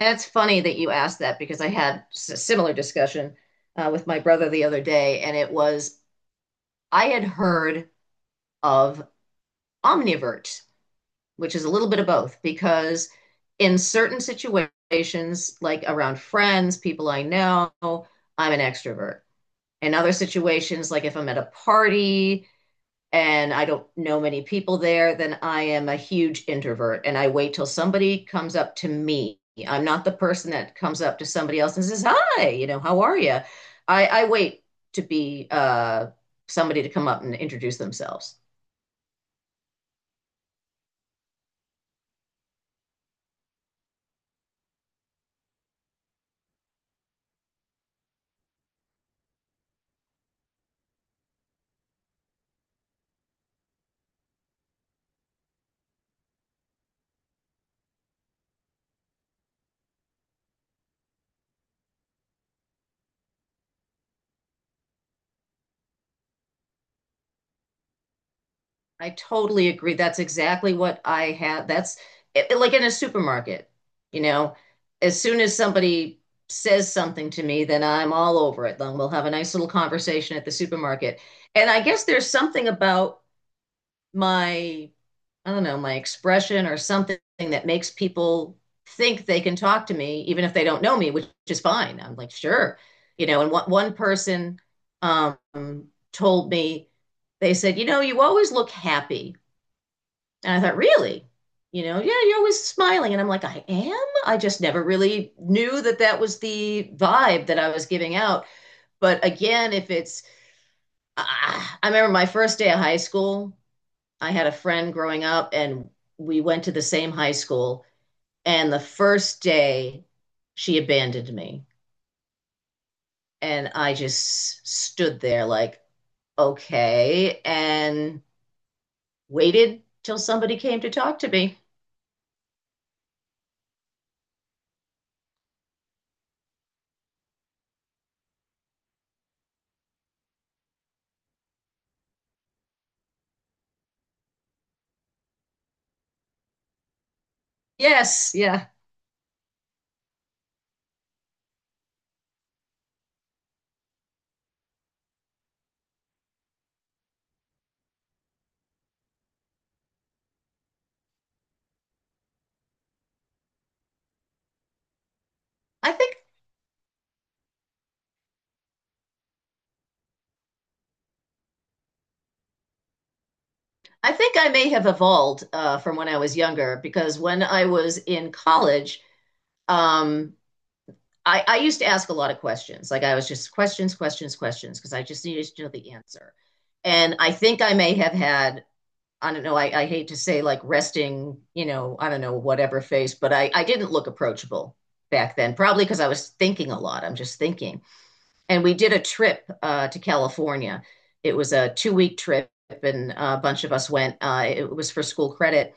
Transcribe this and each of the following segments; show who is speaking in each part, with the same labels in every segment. Speaker 1: That's funny that you asked that because a similar discussion with my brother the other day, and it was I had heard of omnivert, which is a little bit of both, because in certain situations, like around friends, people I know, I'm an extrovert. In other situations, like if I'm at a party and I don't know many people there, then I am a huge introvert and I wait till somebody comes up to me. I'm not the person that comes up to somebody else and says, "Hi, how are you?" I wait to be somebody to come up and introduce themselves. I totally agree. That's exactly what I have. Like in a supermarket, you know, as soon as somebody says something to me, then I'm all over it. Then we'll have a nice little conversation at the supermarket. And I guess there's something about my I don't know, my expression or something that makes people think they can talk to me even if they don't know me, which is fine. I'm like, sure. You know, and one person um told me. They said, "You know, you always look happy." And I thought, "Really? You know, yeah, you're always smiling." And I'm like, "I am." I just never really knew that that was the vibe that I was giving out. But again, if it's, ah, I remember my first day of high school. I had a friend growing up and we went to the same high school. And the first day she abandoned me. And I just stood there like, okay, and waited till somebody came to talk to me. Yes, yeah. I think I think I may have evolved from when I was younger, because when I was in college, um, I used to ask a lot of questions. Like I was just questions, questions, questions, because I just needed to know the answer. And I think I may have had, I don't know, I hate to say like resting, you know, I don't know, whatever face, but I didn't look approachable back then, probably because I was thinking a lot. I'm just thinking. And we did a trip to California. It was a 2-week trip, and a bunch of us went. It was for school credit,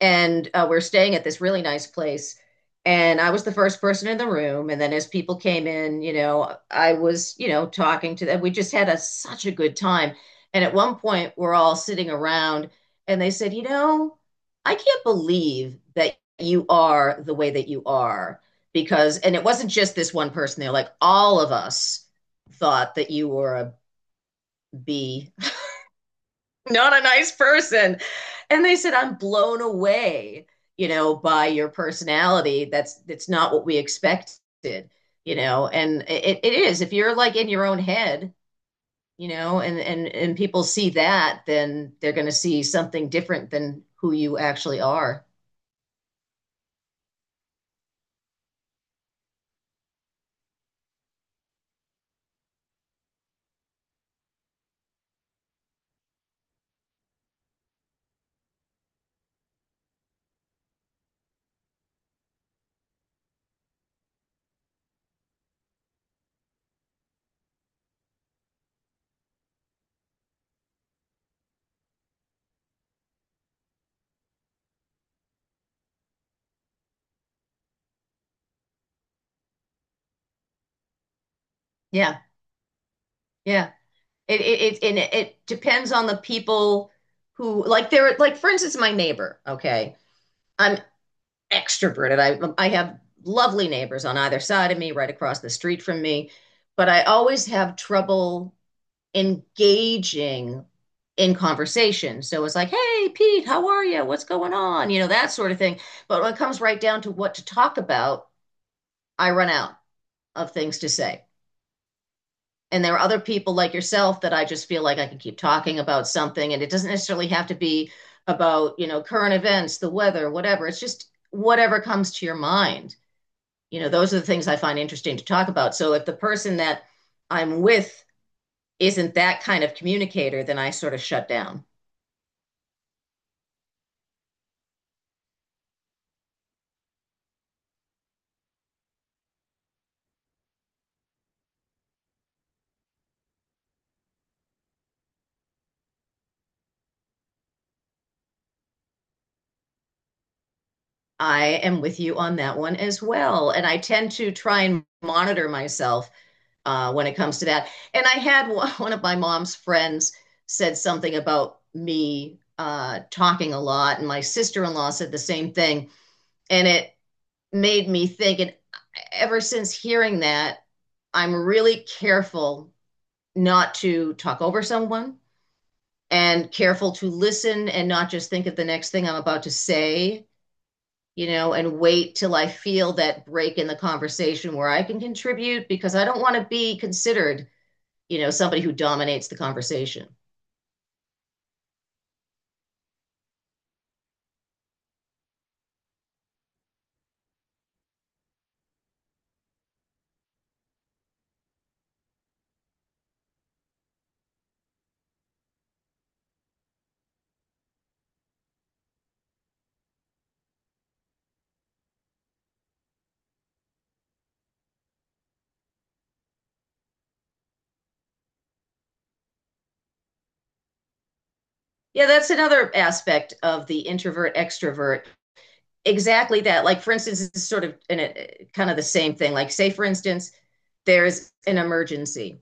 Speaker 1: and we're staying at this really nice place, and I was the first person in the room. And then as people came in, I was, talking to them. We just had such a good time. And at one point we're all sitting around, and they said, you know, "I can't believe that you are the way that you are," because and it wasn't just this one person. They're like, "All of us thought that you were a b—" Not a nice person. And they said, "I'm blown away, you know, by your personality. That's not what we expected, you know." And it is. If you're like in your own head, you know, and and people see that, then they're gonna see something different than who you actually are. Yeah, yeah. It depends on the people who like they're like, for instance, my neighbor, okay. I'm extroverted. I have lovely neighbors on either side of me, right across the street from me, but I always have trouble engaging in conversation. So it's like, "Hey, Pete, how are you? What's going on?" You know, that sort of thing. But when it comes right down to what to talk about, I run out of things to say. And there are other people like yourself that I just feel like I can keep talking about something, and it doesn't necessarily have to be about, you know, current events, the weather, whatever. It's just whatever comes to your mind. You know, those are the things I find interesting to talk about. So if the person that I'm with isn't that kind of communicator, then I sort of shut down. I am with you on that one as well, and I tend to try and monitor myself when it comes to that. And I had one of my mom's friends said something about me talking a lot, and my sister-in-law said the same thing. And it made me think. And ever since hearing that, I'm really careful not to talk over someone, and careful to listen and not just think of the next thing I'm about to say, you know, and wait till I feel that break in the conversation where I can contribute, because I don't want to be considered, you know, somebody who dominates the conversation. Yeah, that's another aspect of the introvert extrovert. Exactly that. Like, for instance, it's sort of in a, kind of the same thing. Like, say, for instance, there's an emergency.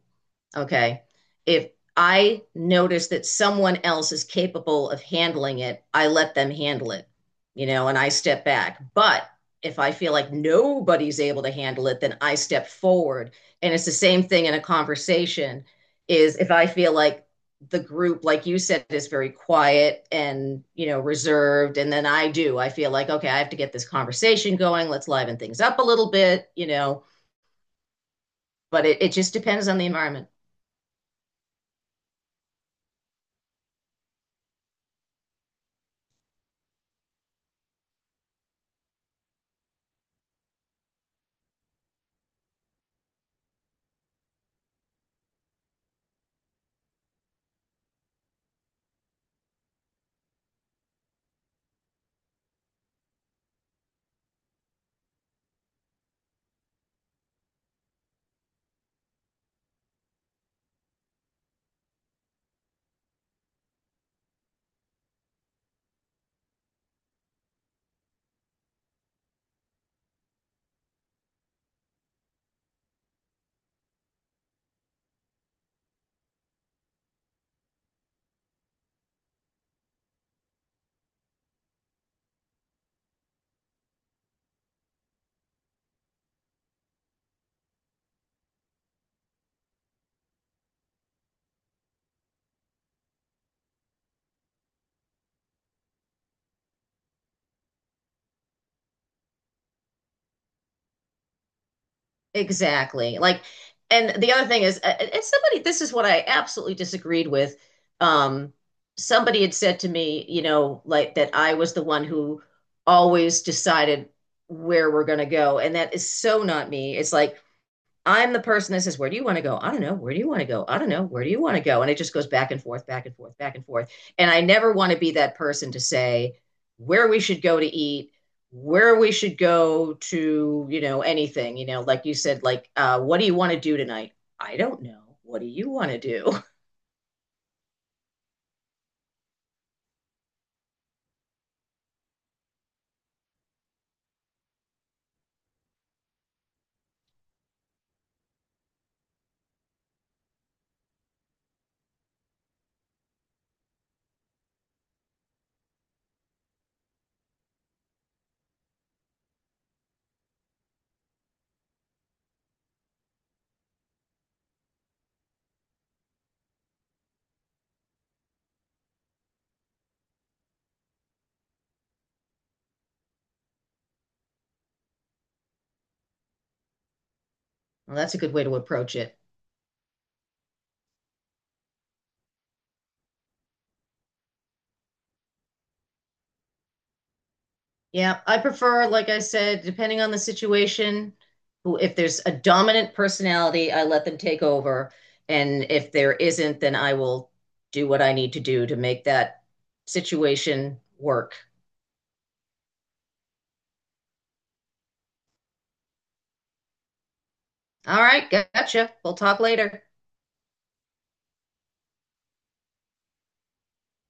Speaker 1: Ok, if I notice that someone else is capable of handling it, I let them handle it, you know, and I step back. But if I feel like nobody's able to handle it, then I step forward. And it's the same thing in a conversation. Is if I feel like the group, like you said, is very quiet and, you know, reserved, and then I do, I feel like, okay, I have to get this conversation going, let's liven things up a little bit, you know. But it just depends on the environment. Exactly. Like, and the other thing is, and somebody, this is what I absolutely disagreed with. Um, Somebody had said to me, you know, like that I was the one who always decided where we're going to go. And that is so not me. It's like I'm the person that says, "Where do you want to go?" "I don't know. Where do you want to go?" "I don't know. Where do you want to go?" And it just goes back and forth, back and forth, back and forth. And I never want to be that person to say where we should go to eat, where we should go to, you know, anything, you know, like you said, like, "What do you want to do tonight?" "I don't know. What do you want to do?" Well, that's a good way to approach it. Yeah, I prefer, like I said, depending on the situation, who if there's a dominant personality, I let them take over. And if there isn't, then I will do what I need to do to make that situation work. All right, gotcha. We'll talk later.